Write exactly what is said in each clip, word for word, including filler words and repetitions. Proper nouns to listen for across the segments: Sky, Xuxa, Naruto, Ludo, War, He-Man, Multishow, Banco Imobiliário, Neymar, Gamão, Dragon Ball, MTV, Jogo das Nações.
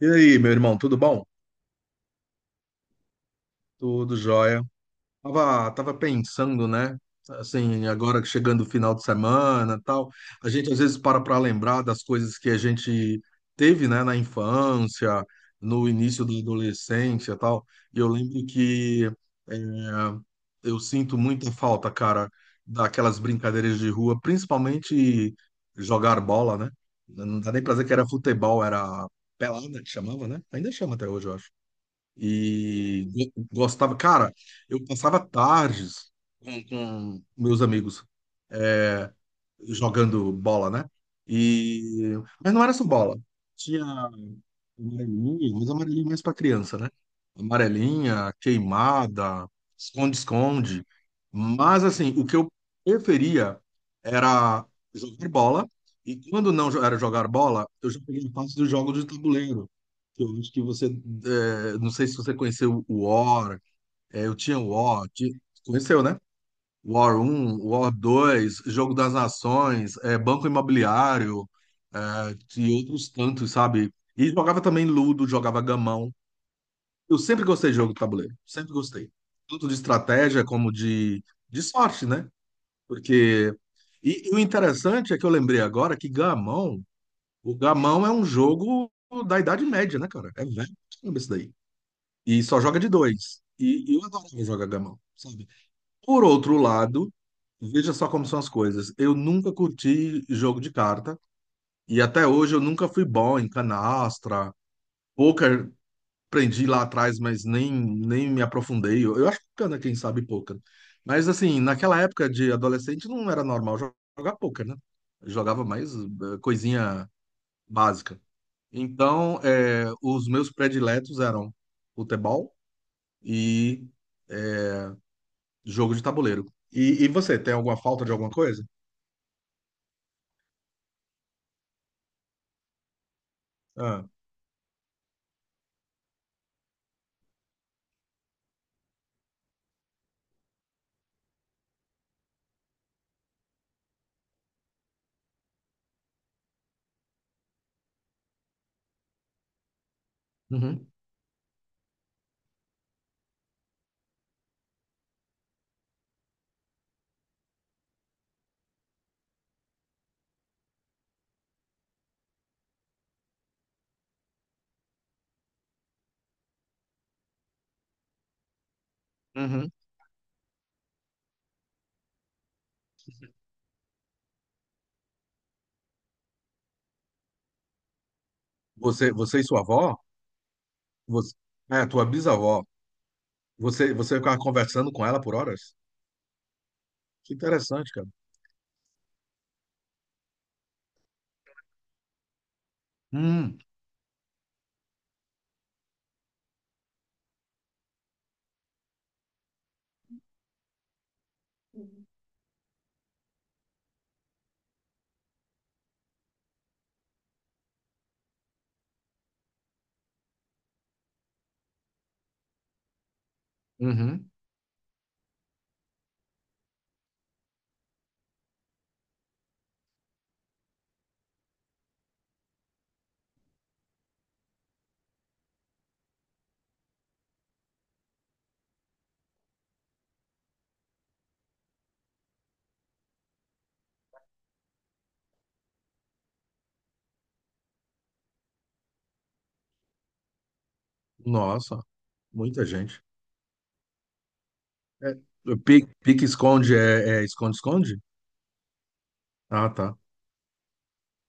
E aí, meu irmão, tudo bom? Tudo jóia. Tava, tava pensando, né? Assim, agora que chegando o final de semana, tal, a gente às vezes para para lembrar das coisas que a gente teve, né, na infância, no início da adolescência, tal. E eu lembro que é, eu sinto muita falta, cara, daquelas brincadeiras de rua, principalmente jogar bola, né? Não dá nem pra dizer que era futebol, era pelada que chamava, né? Ainda chama até hoje, eu acho. E go- gostava, cara, eu passava tardes com, com meus amigos é, jogando bola, né? E, mas não era só bola. Tinha Amarelinha, mas amarelinha mais para criança, né? Amarelinha, queimada, esconde-esconde. Mas assim, o que eu preferia era jogar bola. E quando não jo- era jogar bola, eu já peguei a parte do jogo de tabuleiro. Que eu acho que você, é, não sei se você conheceu o War. É, eu tinha o War. ti- Conheceu, né? War um, War dois, Jogo das Nações, é, Banco Imobiliário, é, e outros tantos, sabe? E jogava também Ludo, jogava Gamão. Eu sempre gostei de jogo de tabuleiro, sempre gostei. Tanto de estratégia como de, de sorte, né? Porque. E, e o interessante é que eu lembrei agora que Gamão, o Gamão é um jogo da Idade Média, né, cara? É velho, caramba, isso daí. E só joga de dois. E, e eu adoro jogar Gamão, sabe? Por outro lado, veja só como são as coisas. Eu nunca curti jogo de carta e até hoje eu nunca fui bom em canastra. Poker aprendi lá atrás, mas nem, nem me aprofundei. Eu, eu acho bacana quem sabe poker. Mas assim, naquela época de adolescente não era normal jo- jogar poker, né? Eu jogava mais eh, coisinha básica. Então, eh, os meus prediletos eram futebol e eh, jogo de tabuleiro. E, e você, tem alguma falta de alguma coisa? Ah. Uhum, uhum. Você, você e sua avó? Você, é, tua bisavó. Você, você ficava conversando com ela por horas? Que interessante, cara. Hum, uhum. Nossa, muita gente. É, pique, pique-esconde é é esconde-esconde? Ah, tá.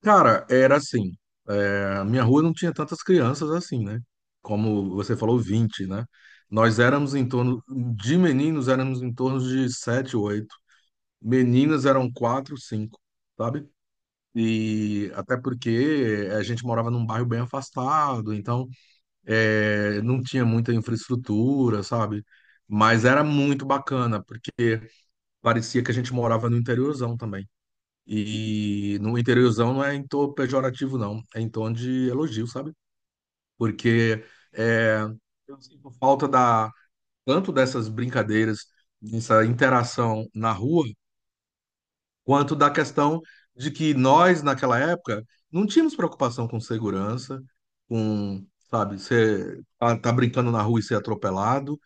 Cara, era assim. é, a minha rua não tinha tantas crianças assim, né? Como você falou, vinte, né? Nós éramos em torno, de meninos éramos em torno de sete, oito. Meninas eram quatro, cinco, sabe? E até porque a gente morava num bairro bem afastado, então é, não tinha muita infraestrutura, sabe? Mas era muito bacana, porque parecia que a gente morava no interiorzão também. E no interiorzão não é em tom pejorativo, não, é em tom de elogio, sabe? Porque é, eu sinto falta da, tanto dessas brincadeiras, dessa interação na rua, quanto da questão de que nós, naquela época, não tínhamos preocupação com segurança, com, sabe, você tá, tá brincando na rua e ser atropelado.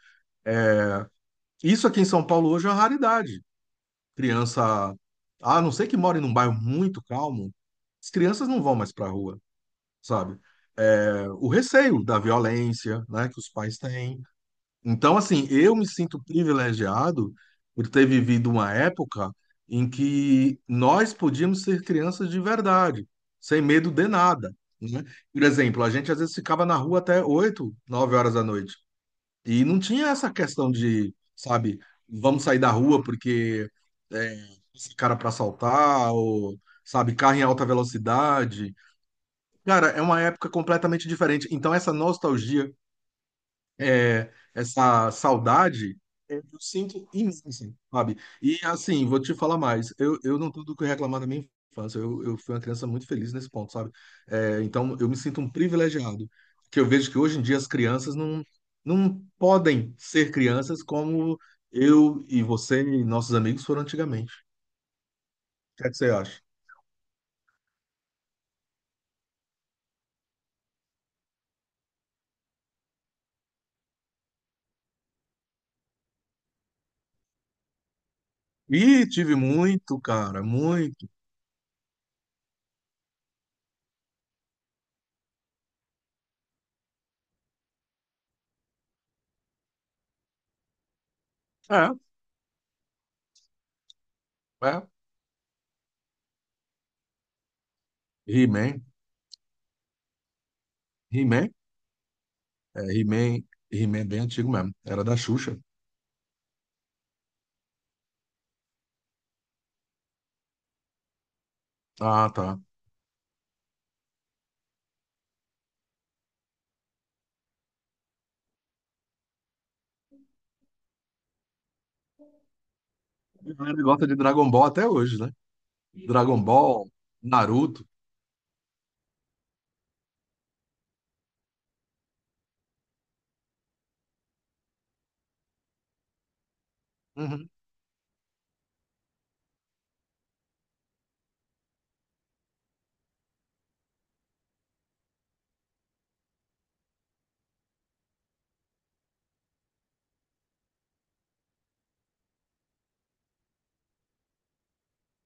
Isso aqui em São Paulo hoje é uma raridade. Criança, a não ser que more num bairro muito calmo, as crianças não vão mais para a rua, sabe? É, o receio da violência, né, que os pais têm, então, assim, eu me sinto privilegiado por ter vivido uma época em que nós podíamos ser crianças de verdade, sem medo de nada, né? Por exemplo, a gente às vezes ficava na rua até oito nove horas da noite. E não tinha essa questão de, sabe, vamos sair da rua porque é, esse cara para assaltar, ou, sabe, carro em alta velocidade. Cara, é uma época completamente diferente. Então, essa nostalgia é, essa saudade, eu sinto imensa, sabe? E assim, vou te falar mais, eu, eu não tenho do que reclamar da minha infância, eu, eu fui uma criança muito feliz nesse ponto, sabe? É, então, eu me sinto um privilegiado, que eu vejo que hoje em dia as crianças não, não podem ser crianças como eu e você e nossos amigos foram antigamente. O que é que você acha? Ih, tive muito, cara, muito. É, é. He-Man, He-Man, é, He-Man, He-Man é bem antigo mesmo, era da Xuxa. Ah, tá. A galera gosta de Dragon Ball até hoje, né? Dragon Ball, Naruto. Uhum.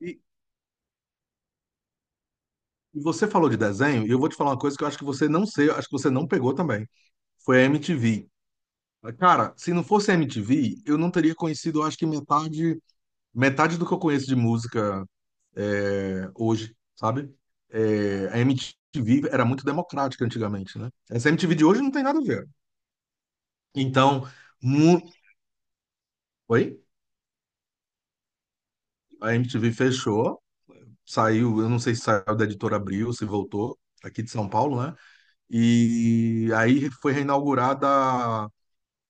E, e você falou de desenho, e eu vou te falar uma coisa que eu acho que você não sei, acho que você não pegou também. Foi a M T V. Cara, se não fosse a M T V, eu não teria conhecido, eu acho que metade, metade do que eu conheço de música é, hoje, sabe? É, a M T V era muito democrática antigamente, né? Essa M T V de hoje não tem nada a ver. Então, mu... Oi? A M T V fechou. Saiu, eu não sei se saiu da editora Abril, se voltou, aqui de São Paulo, né? E aí foi reinaugurada,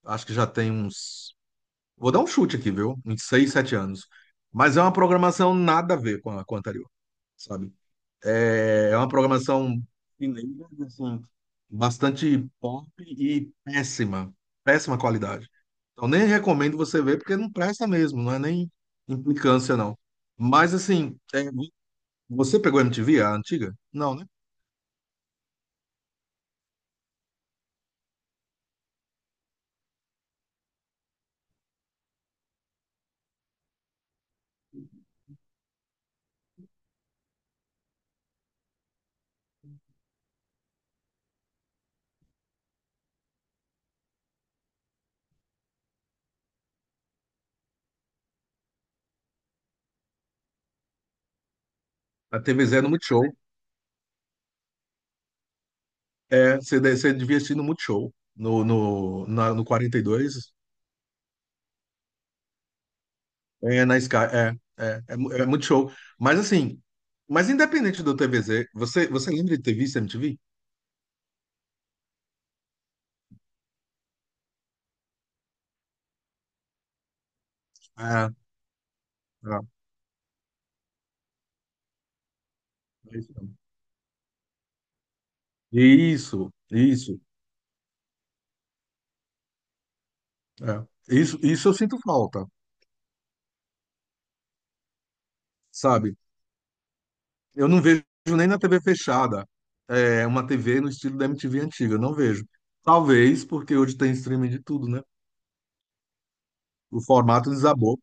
acho que já tem uns. Vou dar um chute aqui, viu? Uns seis, sete anos. Mas é uma programação nada a ver com a, com a anterior, sabe? É, é uma programação mineira, assim, bastante pop e péssima, péssima qualidade. Então nem recomendo você ver, porque não presta mesmo, não é nem implicância, não. Mas assim, é, você pegou a M T V, a antiga? Não, né? A T V Zé no Multishow. É, você, de- você devia assistir no Multishow, no, no, na, no quarenta e dois é, na Sky. É, é, é, mu- é Multishow. Mas assim, mas independente do T V Z, você, você lembra de ter visto M T V? Ah, é, é isso mesmo. Isso, isso, é. Isso, isso eu sinto falta, sabe? Eu não vejo nem na T V fechada, é, uma T V no estilo da M T V antiga, eu não vejo. Talvez porque hoje tem streaming de tudo, né? O formato desabou.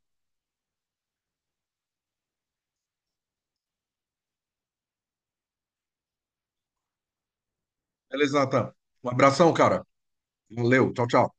Beleza, Natan. Um abração, cara. Valeu. Tchau, tchau.